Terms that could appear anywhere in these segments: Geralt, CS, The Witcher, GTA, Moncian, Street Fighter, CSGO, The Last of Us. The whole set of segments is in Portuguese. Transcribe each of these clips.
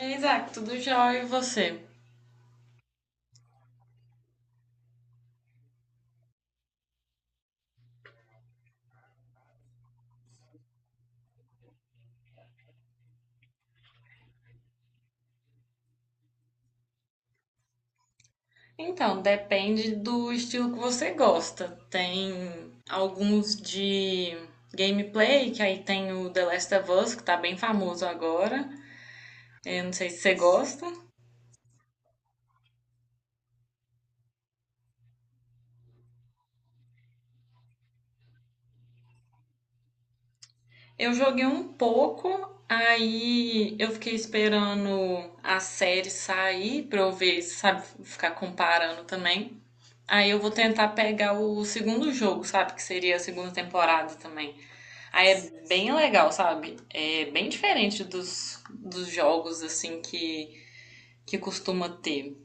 Isaac, tudo jóia e você? Então, depende do estilo que você gosta. Tem alguns de gameplay, que aí tem o The Last of Us, que tá bem famoso agora. Eu não sei se você gosta. Eu joguei um pouco, aí eu fiquei esperando a série sair pra eu ver, sabe, ficar comparando também. Aí eu vou tentar pegar o segundo jogo, sabe, que seria a segunda temporada também. Aí é bem legal, sabe? É bem diferente dos jogos, assim, que costuma ter.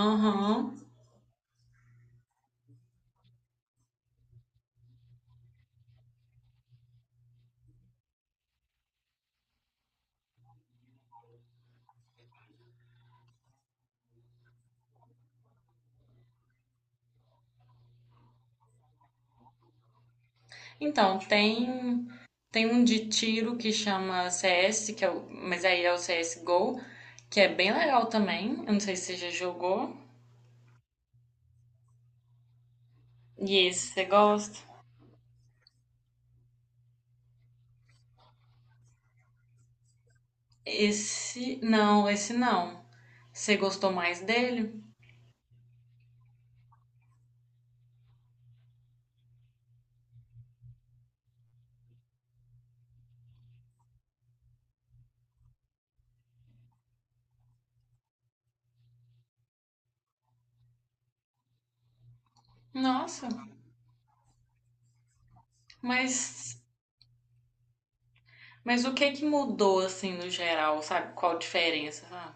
Aham. Então, tem um de tiro que chama CS, que é o, mas aí é o CSGO, que é bem legal também. Eu não sei se você já jogou. E esse você gosta? Esse, não, esse não. Você gostou mais dele? Nossa, mas, mas o que que mudou, assim, no geral, sabe? Qual a diferença, sabe?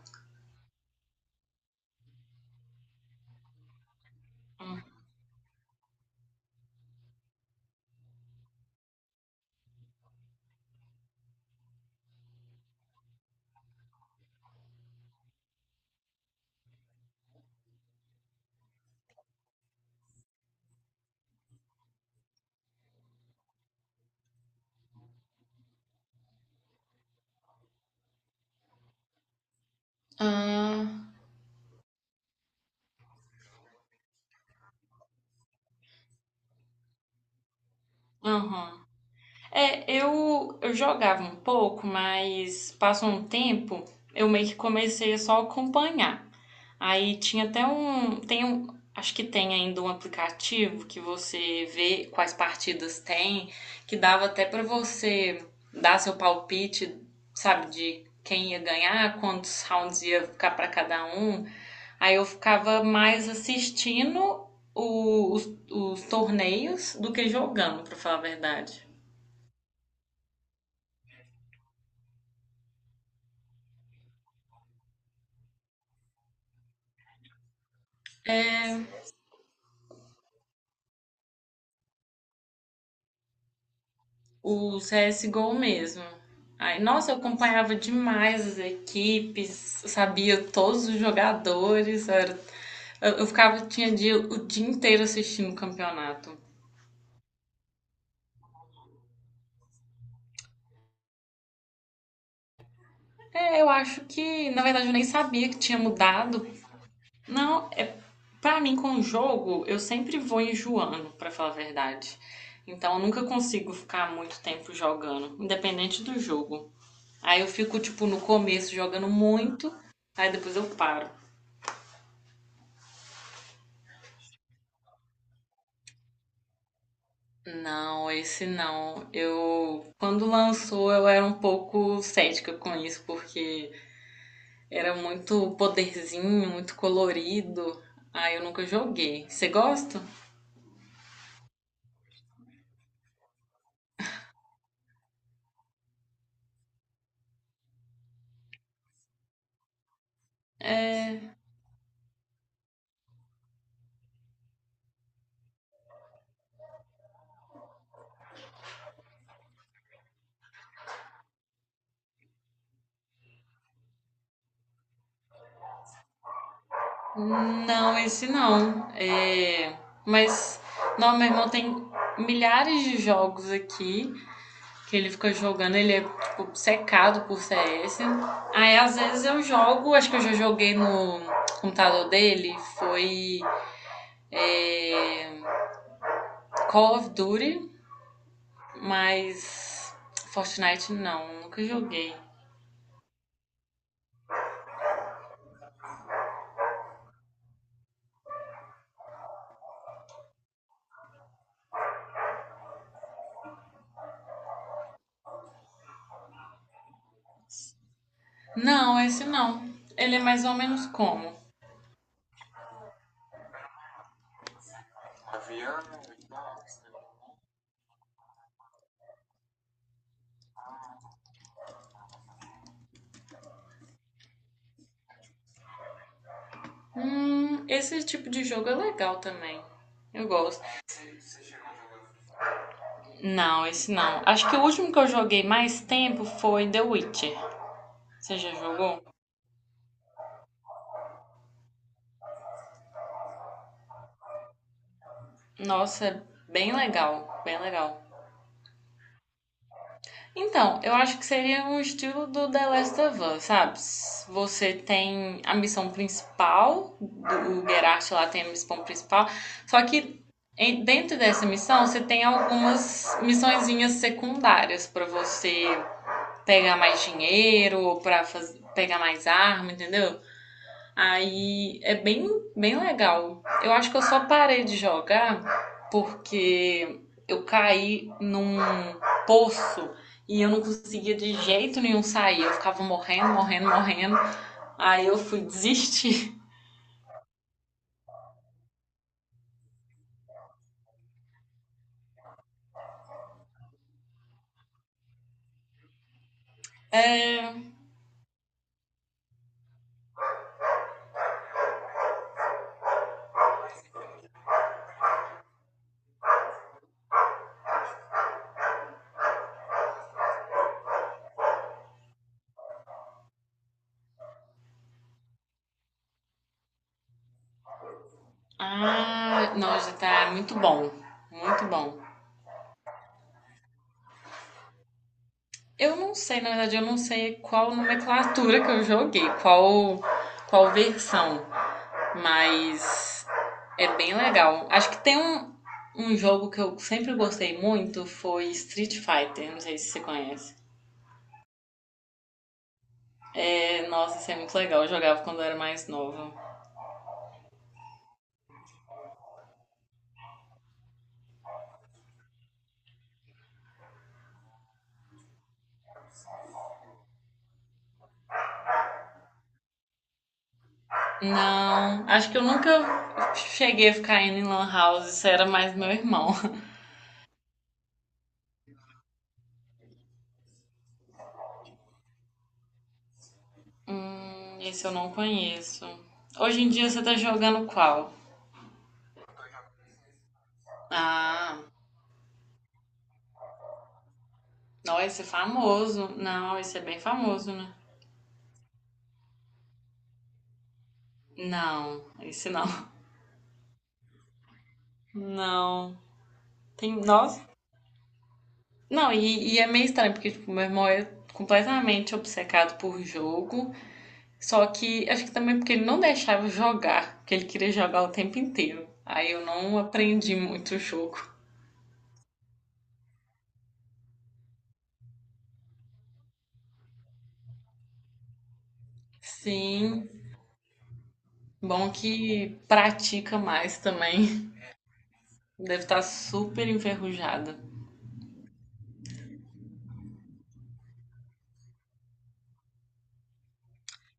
Ah, aham. É, eu jogava um pouco, mas passou um tempo, eu meio que comecei a só acompanhar. Aí tinha até um, tem um, acho que tem ainda um aplicativo que você vê quais partidas tem, que dava até pra você dar seu palpite, sabe, de quem ia ganhar, quantos rounds ia ficar pra cada um. Aí eu ficava mais assistindo os torneios do que jogando, pra falar a verdade. O CSGO mesmo. Aí, nossa, eu acompanhava demais as equipes, eu sabia todos os jogadores. Eu ficava, tinha dia, o dia inteiro assistindo o campeonato. É, eu acho que, na verdade, eu nem sabia que tinha mudado. Não, é. Pra mim, com o jogo, eu sempre vou enjoando, pra falar a verdade. Então, eu nunca consigo ficar muito tempo jogando, independente do jogo. Aí eu fico, tipo, no começo jogando muito, aí depois eu paro. Não, esse não. Eu, quando lançou, eu era um pouco cética com isso, porque era muito poderzinho, muito colorido. Aí eu nunca joguei. Você gosta? Não, esse não. É, mas, não, meu irmão tem milhares de jogos aqui que ele fica jogando. Ele é, tipo, secado por CS. Aí, às vezes, eu jogo. Acho que eu já joguei no computador dele. Foi é, Call of Duty, mas Fortnite não. Nunca joguei. Não, esse não. Ele é mais ou menos como? Esse tipo de jogo é legal também. Eu gosto. Não, esse não. Acho que o último que eu joguei mais tempo foi The Witcher. Você já jogou? Nossa, é bem legal, bem legal. Então, eu acho que seria um estilo do The Last of Us, sabe? Você tem a missão principal, o Geralt lá tem a missão principal, só que dentro dessa missão você tem algumas missõezinhas secundárias pra você pegar mais dinheiro ou pra pegar mais arma, entendeu? Aí é bem, bem legal. Eu acho que eu só parei de jogar porque eu caí num poço e eu não conseguia de jeito nenhum sair. Eu ficava morrendo, morrendo, morrendo. Aí eu fui desistir. É... Ah, não, GTA é muito bom. Muito bom. Eu não sei, na verdade, eu não sei qual nomenclatura que eu joguei, qual, qual versão, mas é bem legal. Acho que tem um, um jogo que eu sempre gostei muito foi Street Fighter, não sei se você conhece. É, nossa, isso é muito legal, eu jogava quando eu era mais nova. Não, acho que eu nunca cheguei a ficar indo em Lan House, isso era mais meu irmão. Esse eu não conheço. Hoje em dia você tá jogando qual? Ah, não, esse é famoso. Não, esse é bem famoso, né? Não, esse não. Não. Tem, nossa, não, e é meio estranho, porque, tipo, meu irmão é completamente obcecado por jogo. Só que acho que também porque ele não deixava eu jogar, porque ele queria jogar o tempo inteiro. Aí eu não aprendi muito o jogo. Sim, bom que pratica mais também. Deve estar super enferrujada.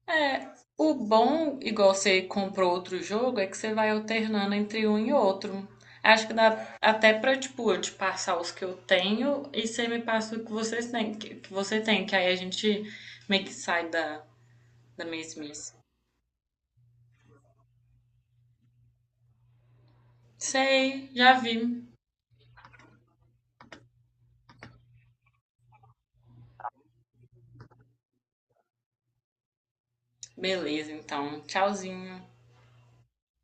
É, o bom, igual você comprou outro jogo, é que você vai alternando entre um e outro. Acho que dá até pra, tipo, eu te passar os que eu tenho e você me passa o que vocês têm, que você tem, que aí a gente meio que sai da, da mesmice. Sei, já vi. Beleza, então. Tchauzinho.